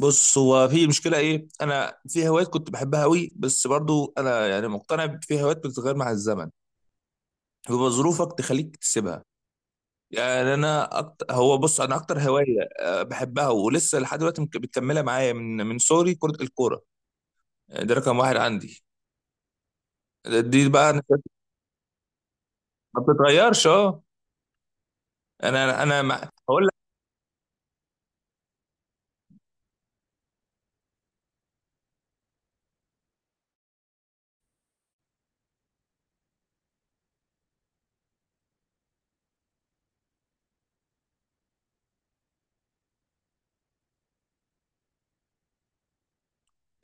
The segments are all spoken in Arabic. بص هو في مشكلة إيه؟ أنا في هوايات كنت بحبها أوي، بس برضو أنا يعني مقتنع في هوايات بتتغير مع الزمن، بيبقى ظروفك تخليك تسيبها. يعني أنا أكتر، هو بص أنا أكتر هواية بحبها ولسه لحد دلوقتي بتكملها معايا من صغري كرة الكورة. ده رقم واحد عندي. دي بقى ما بتتغيرش أه. أنا مع... هقول لك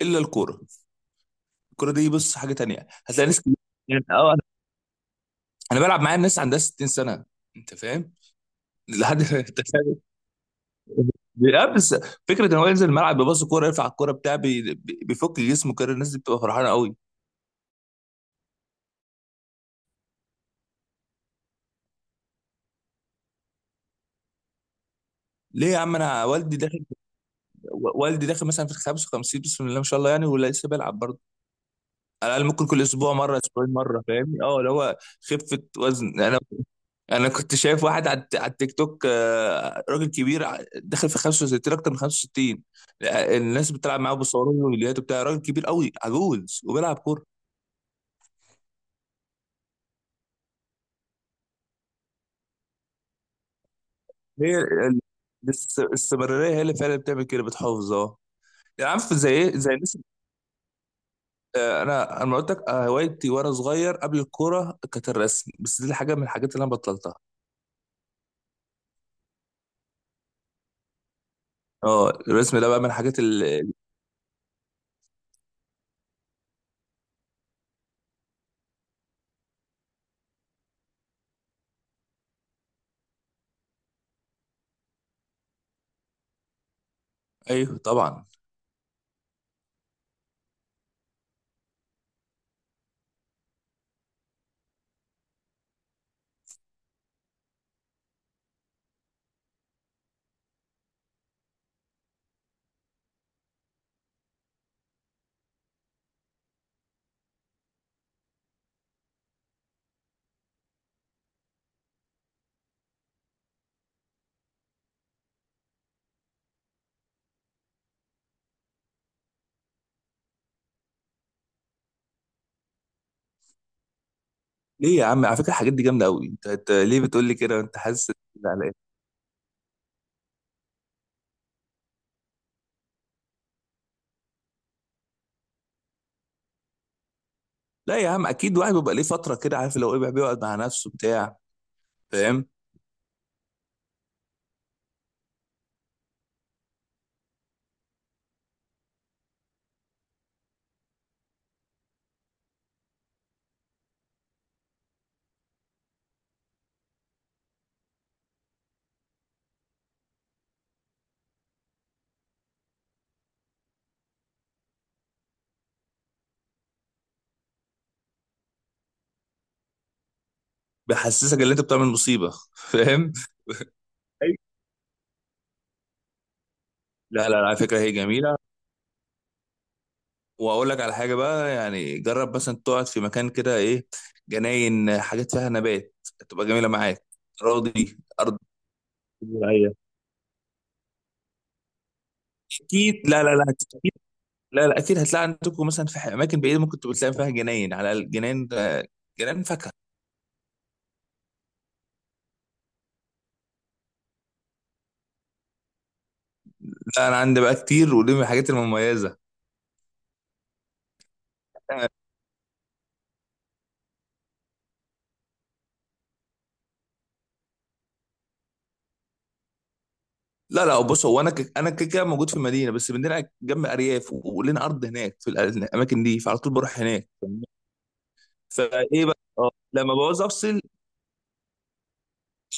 إلا الكورة. الكورة دي بص حاجة تانية، يعني أه أنا بلعب معايا ناس عندها 60 سنة، أنت فاهم؟ لحد لا بس فكره ان هو ينزل الملعب، بيبص كوره، يرفع الكوره بتاع بيفك جسمه كده، الناس دي بتبقى فرحانه قوي. ليه يا عم؟ انا والدي داخل، والدي داخل مثلا في ال 55، بسم الله ما شاء الله، يعني ولسه بيلعب برضه. على الاقل ممكن كل اسبوع مره، اسبوعين مره، فاهمني؟ اه، اللي هو خفه وزن. انا كنت شايف واحد على على التيك توك، راجل كبير، داخل في 65، اكتر من 65، الناس بتلعب معاه، بيصوروه له فيديوهات وبتاع، راجل كبير قوي عجوز وبيلعب. هي ال- الاستمراريه هي اللي فعلا بتعمل كده، بتحافظ اه. يعني عارف زي ايه، زي الناس. انا قلت لك، هوايتي وانا صغير قبل الكوره كانت الرسم، بس دي حاجه من الحاجات اللي انا بطلتها. اه الرسم ده بقى من الحاجات اللي ايوه طبعا. ليه يا عم؟ على فكره الحاجات دي جامده قوي. أنت ليه بتقول لي كده؟ انت حاسس إن على ايه؟ لا يا عم، اكيد واحد بيبقى ليه فتره كده، عارف لو ايه، بيقعد مع نفسه بتاع فاهم. بيحسسك ان انت بتعمل مصيبه. فاهم. أيوة. لا، على فكره هي جميله. واقول لك على حاجه بقى، يعني جرب مثلا تقعد في مكان كده، ايه، جناين، حاجات فيها نبات، تبقى جميله معاك. راضي، ارض زراعيه، اكيد. لا لا لا اكيد. لا لا اكيد هتلاقي عندكم مثلا في اماكن بعيده، ممكن تبقى تلاقي فيها جناين على الجناين، جناين فاكهه. لا انا عندي بقى كتير، ودي من الحاجات المميزه. لا لا بص، هو انا انا كده كده موجود في المدينه، بس بنلعب جنب ارياف، ولنا ارض هناك في الاماكن دي، فعلى طول بروح هناك. فايه بقى اه لما بعوز افصل.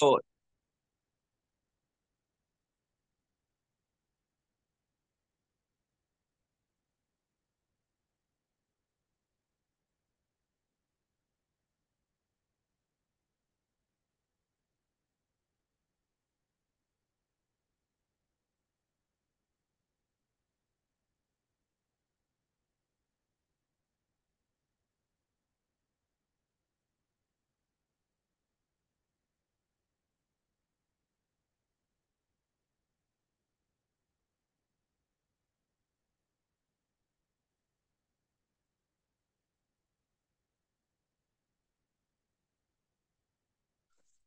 اه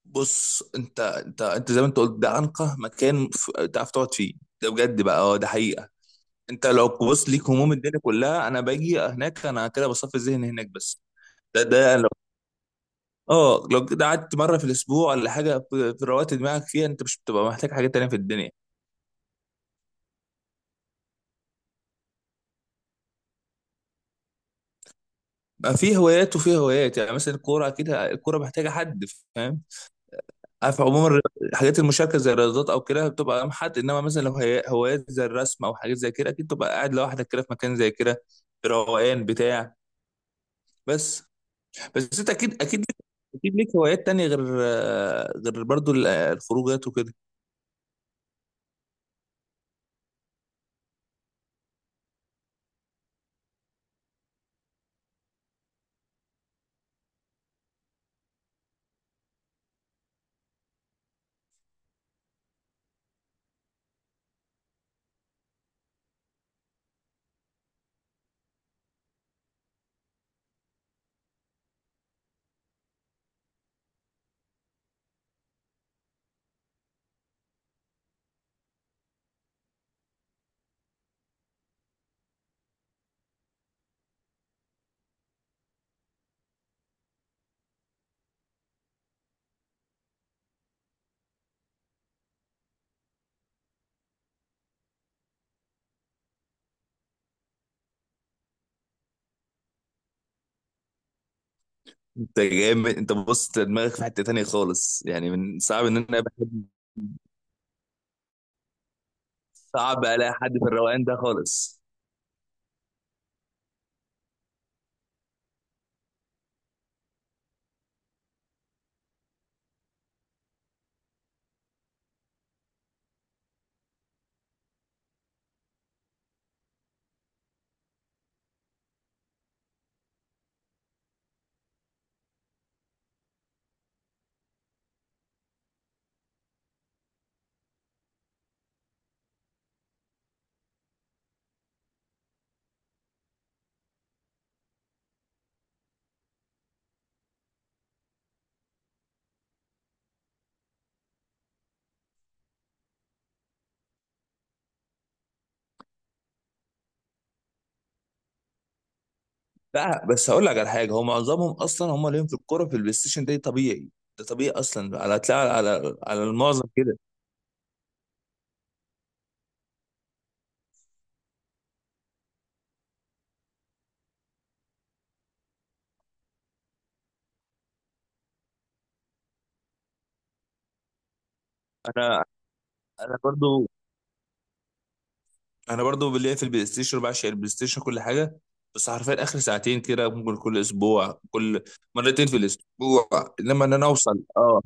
بص، انت زي ما انت قلت ده انقى مكان، تعرف تقعد فيه. ده بجد بقى، اه ده حقيقه. انت لو بص ليك هموم الدنيا كلها، انا باجي هناك، انا كده بصفي ذهني هناك بس. ده ده لو اه لو كده قعدت مره في الاسبوع ولا حاجه، في روقت دماغك فيها، انت مش بتبقى محتاج حاجات تانيه في الدنيا. بقى في هوايات وفي هوايات، يعني مثلا الكوره كده، الكوره محتاجه حد، عارف، عموما الحاجات المشاركه زي الرياضات او كده بتبقى مع حد، انما مثلا لو هوايات زي الرسم او حاجات زي كده اكيد تبقى قاعد لوحدك كده في مكان زي كده، روقان بتاع. بس بس انت اكيد اكيد ليك- اكيد ليك هوايات تانية، غير غير برضو الخروجات وكده. انت جامد، انت بص دماغك في حته تانية خالص، يعني من صعب ان انا بحب، صعب الاقي حد في الروقان ده خالص. لا بس هقول لك على حاجه، هو معظمهم اصلا هم ليهم في الكوره، في البلاي ستيشن، ده طبيعي. ده طبيعي اصلا، على هتلاقي على على المعظم كده. انا انا برضو انا ليا في البلاي ستيشن، بعشق البلاي ستيشن، كل حاجه. بس حرفيا اخر ساعتين كده، ممكن كل اسبوع، كل مرتين في الاسبوع، انما ان انا اوصل اه.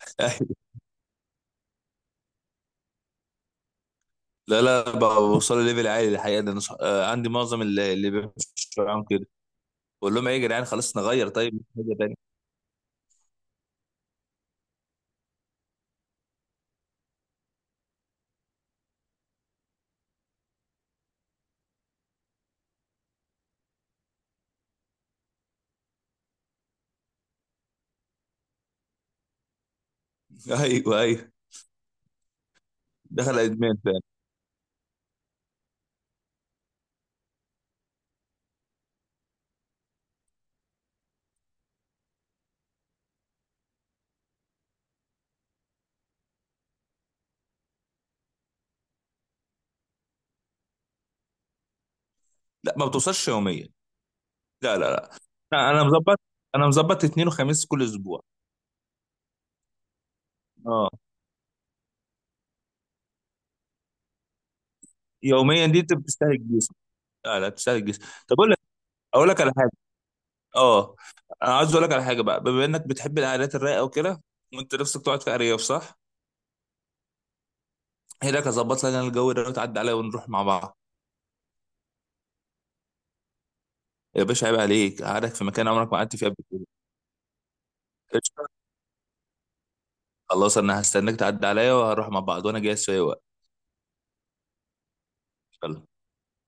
لا لا، بوصل ليفل عالي الحقيقه ده. أنا عندي معظم اللي بيمشوا معاهم كده، بقول لهم ايه يا جدعان، خلاص نغير، طيب نشوف حاجه تانيه. ايوه ايوه. دخل ادمان فعلا. لا ما بتوصلش يوميا. لا لا لا لا، انا مظبط، انا مظبط اثنين وخميس كل اسبوع. اه يوميا دي انت بتستهلك جسم، لا لا بتستهلك جسم. طب اقول، اقول لك على حاجه. اه انا عايز اقول لك على حاجه بقى، بما انك بتحب القعدات الرايقه وكده، وانت نفسك تقعد في ارياف، صح؟ هي لك، اظبط لك انا الجو ده، وتعدي عليا ونروح مع بعض. يا باشا عيب عليك، قعدك في مكان عمرك ما قعدت فيه قبل كده. قشطة. خلاص انا هستناك، تعدي عليا وهروح مع بعض، وانا جاي في اي وقت. يلا.